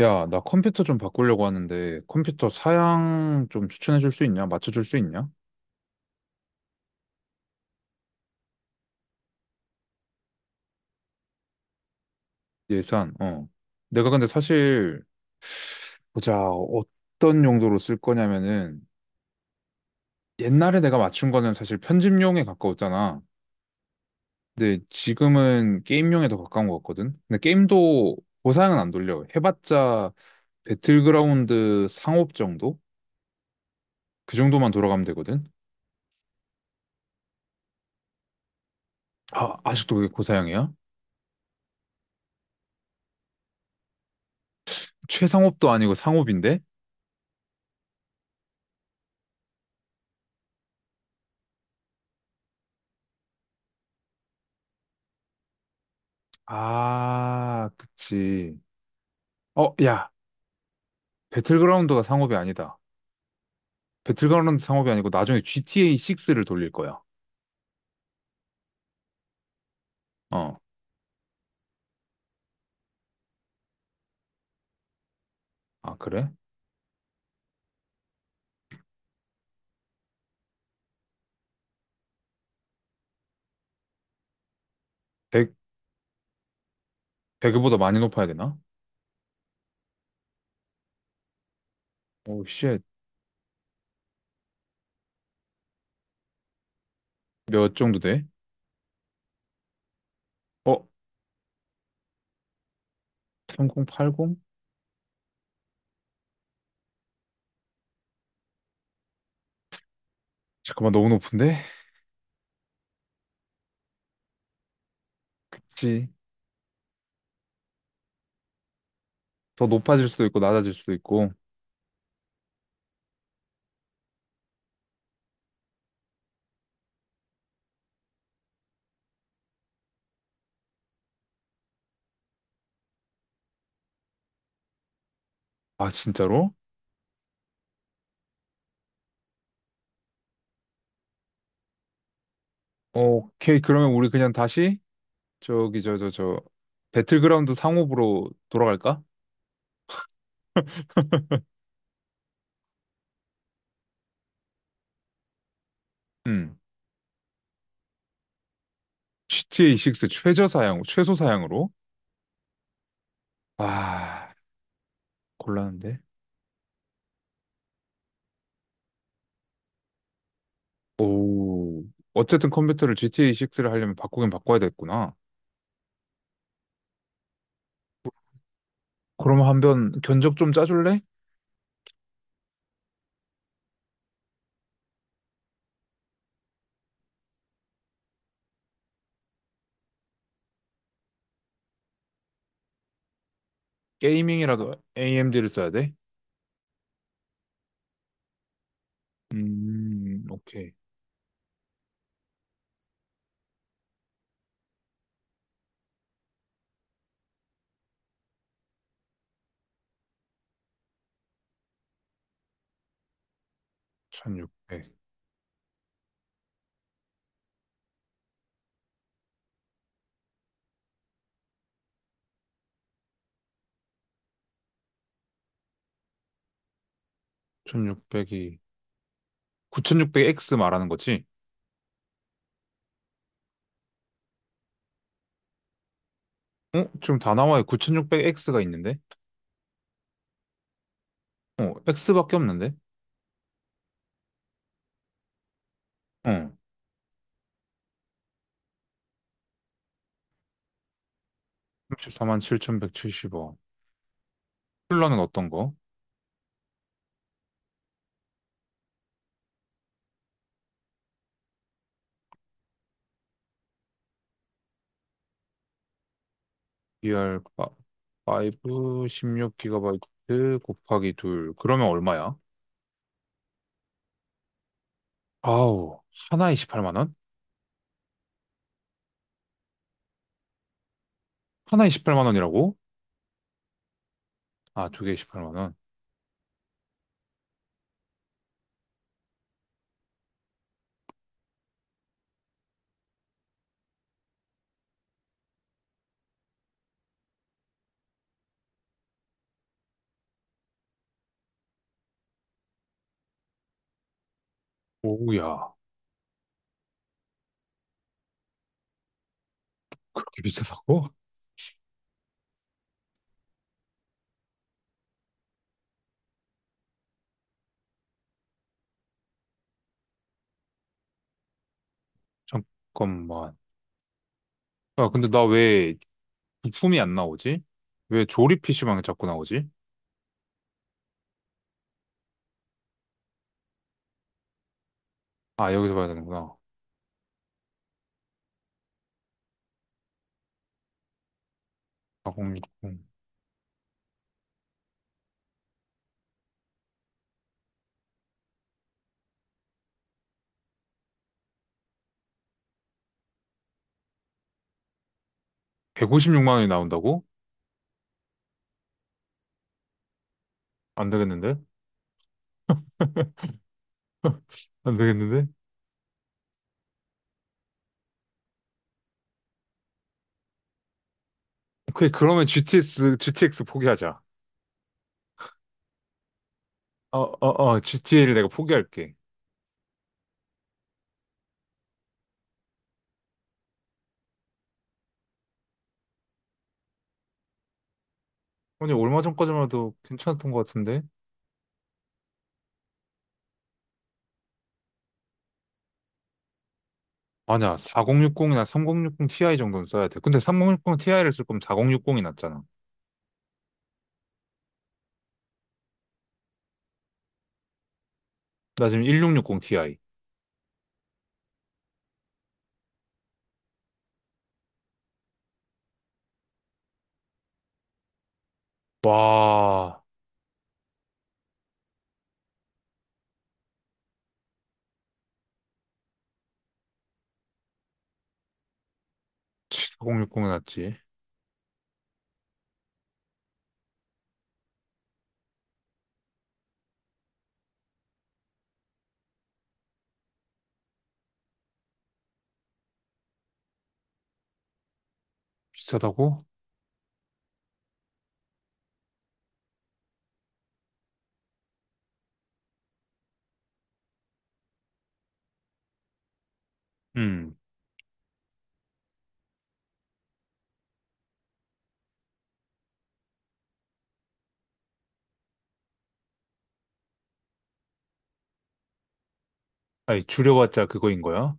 야, 나 컴퓨터 좀 바꾸려고 하는데 컴퓨터 사양 좀 추천해 줄 수 있냐? 맞춰 줄 수 있냐? 예산. 어. 내가 근데 사실 보자. 어떤 용도로 쓸 거냐면은 옛날에 내가 맞춘 거는 사실 편집용에 가까웠잖아. 근데 지금은 게임용에 더 가까운 것 같거든. 근데 게임도 고사양은 안 돌려. 해봤자 배틀그라운드 상업 정도? 그 정도만 돌아가면 되거든. 아, 아직도 그게 고사양이야? 최상업도 아니고 상업인데? 아, 그치. 어, 야, 배틀그라운드가 상업이 아니다. 배틀그라운드 상업이 아니고 나중에 GTA 6를 돌릴 거야. 어, 아, 그래? 배배그보다 많이 높아야 되나? 오, 쉣. 몇 정도 돼? 어, 3080? 잠깐만, 너무 높은데? 그치. 더 높아질 수도 있고, 낮아질 수도 있고. 아, 진짜로? 어, 오케이. 그러면 우리 그냥 다시, 저기, 배틀그라운드 상업으로 돌아갈까? 응. GTA 6 최저 사양, 최소 사양으로? 아, 곤란한데? 오, 어쨌든 컴퓨터를 GTA6를 하려면 바꾸긴 바꿔야 됐구나. 그럼 한번 견적 좀 짜줄래? 게이밍이라도 AMD를 써야 돼? 오케이. 1600. 1600이, 9600X 말하는 거지? 어? 지금 다 나와요. 9600X가 있는데? 어, X밖에 없는데? 어, 만4 7 1 7 0원. 쿨러는 어떤 거? DR5, 16GB 곱하기 둘 그러면 얼마야? 아우, 하나에 십8만 원? 하나에 18만 원이라고? 아, 두 개에 18만 원. 오우야, 그렇게 비싸다고? 잠깐만. 아, 근데 나 왜 부품이 안 나오지? 왜 조립 PC방에 자꾸 나오지? 아, 여기서 봐야 되는구나. 4060. 156만 원이 나온다고? 안 되겠는데? 안 되겠는데? 오케이, 그러면 GTS, GTX 포기하자. 어, 어, 어, GTA를 내가 포기할게. 아니, 얼마 전까지만 해도 괜찮았던 것 같은데? 아니야, 4060이나 3060 Ti 정도는 써야 돼. 근데 3060 Ti를 쓸 거면 4060이 낫잖아. 나 지금 1660 Ti. 와, 7060이 낫지. 비싸다고? 음. 아니, 줄여봤자 그거인 거야?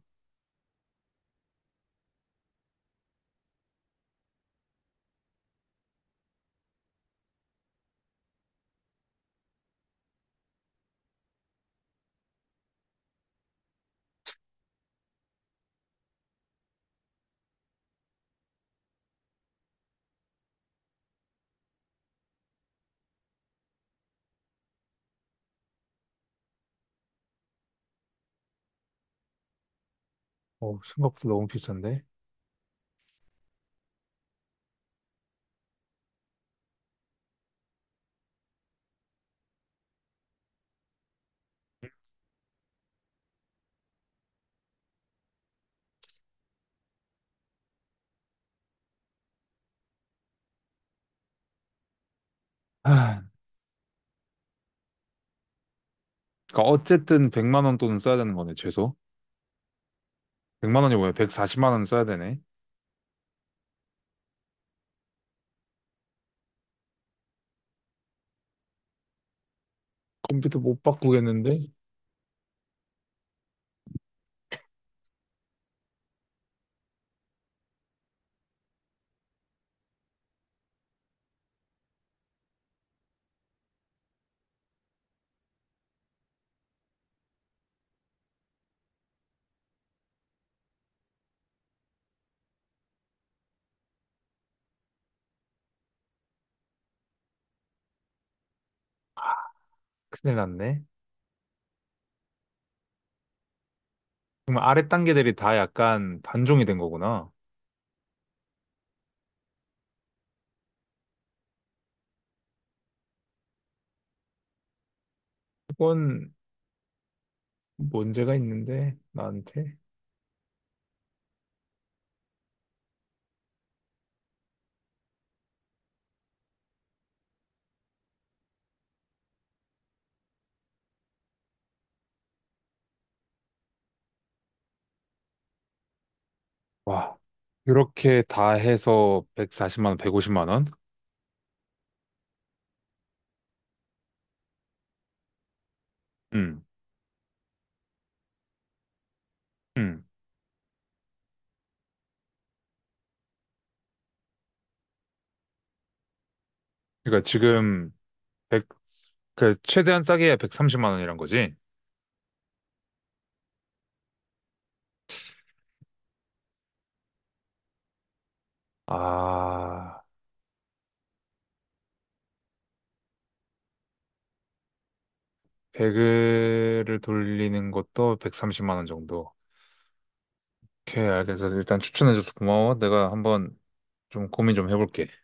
어, 생각보다 너무 비싼데? 아, 그러니까 어쨌든 100만 원 돈은 써야 되는 거네, 최소. 100만 원이 뭐야? 140만 원 써야 되네. 컴퓨터 못 바꾸겠는데? 큰일 났네. 그럼 아래 단계들이 다 약간 단종이 된 거구나. 그건 문제가 있는데, 나한테. 와, 이렇게 다 해서 140만 원, 150만 원? 음, 음. 그러니까 지금 백, 최대한 싸게 야 130만 원이란 거지? 아, 배그를 돌리는 것도 130만 원 정도. 오케이, 알겠어. 일단 추천해줘서 고마워. 내가 한번 좀 고민 좀 해볼게.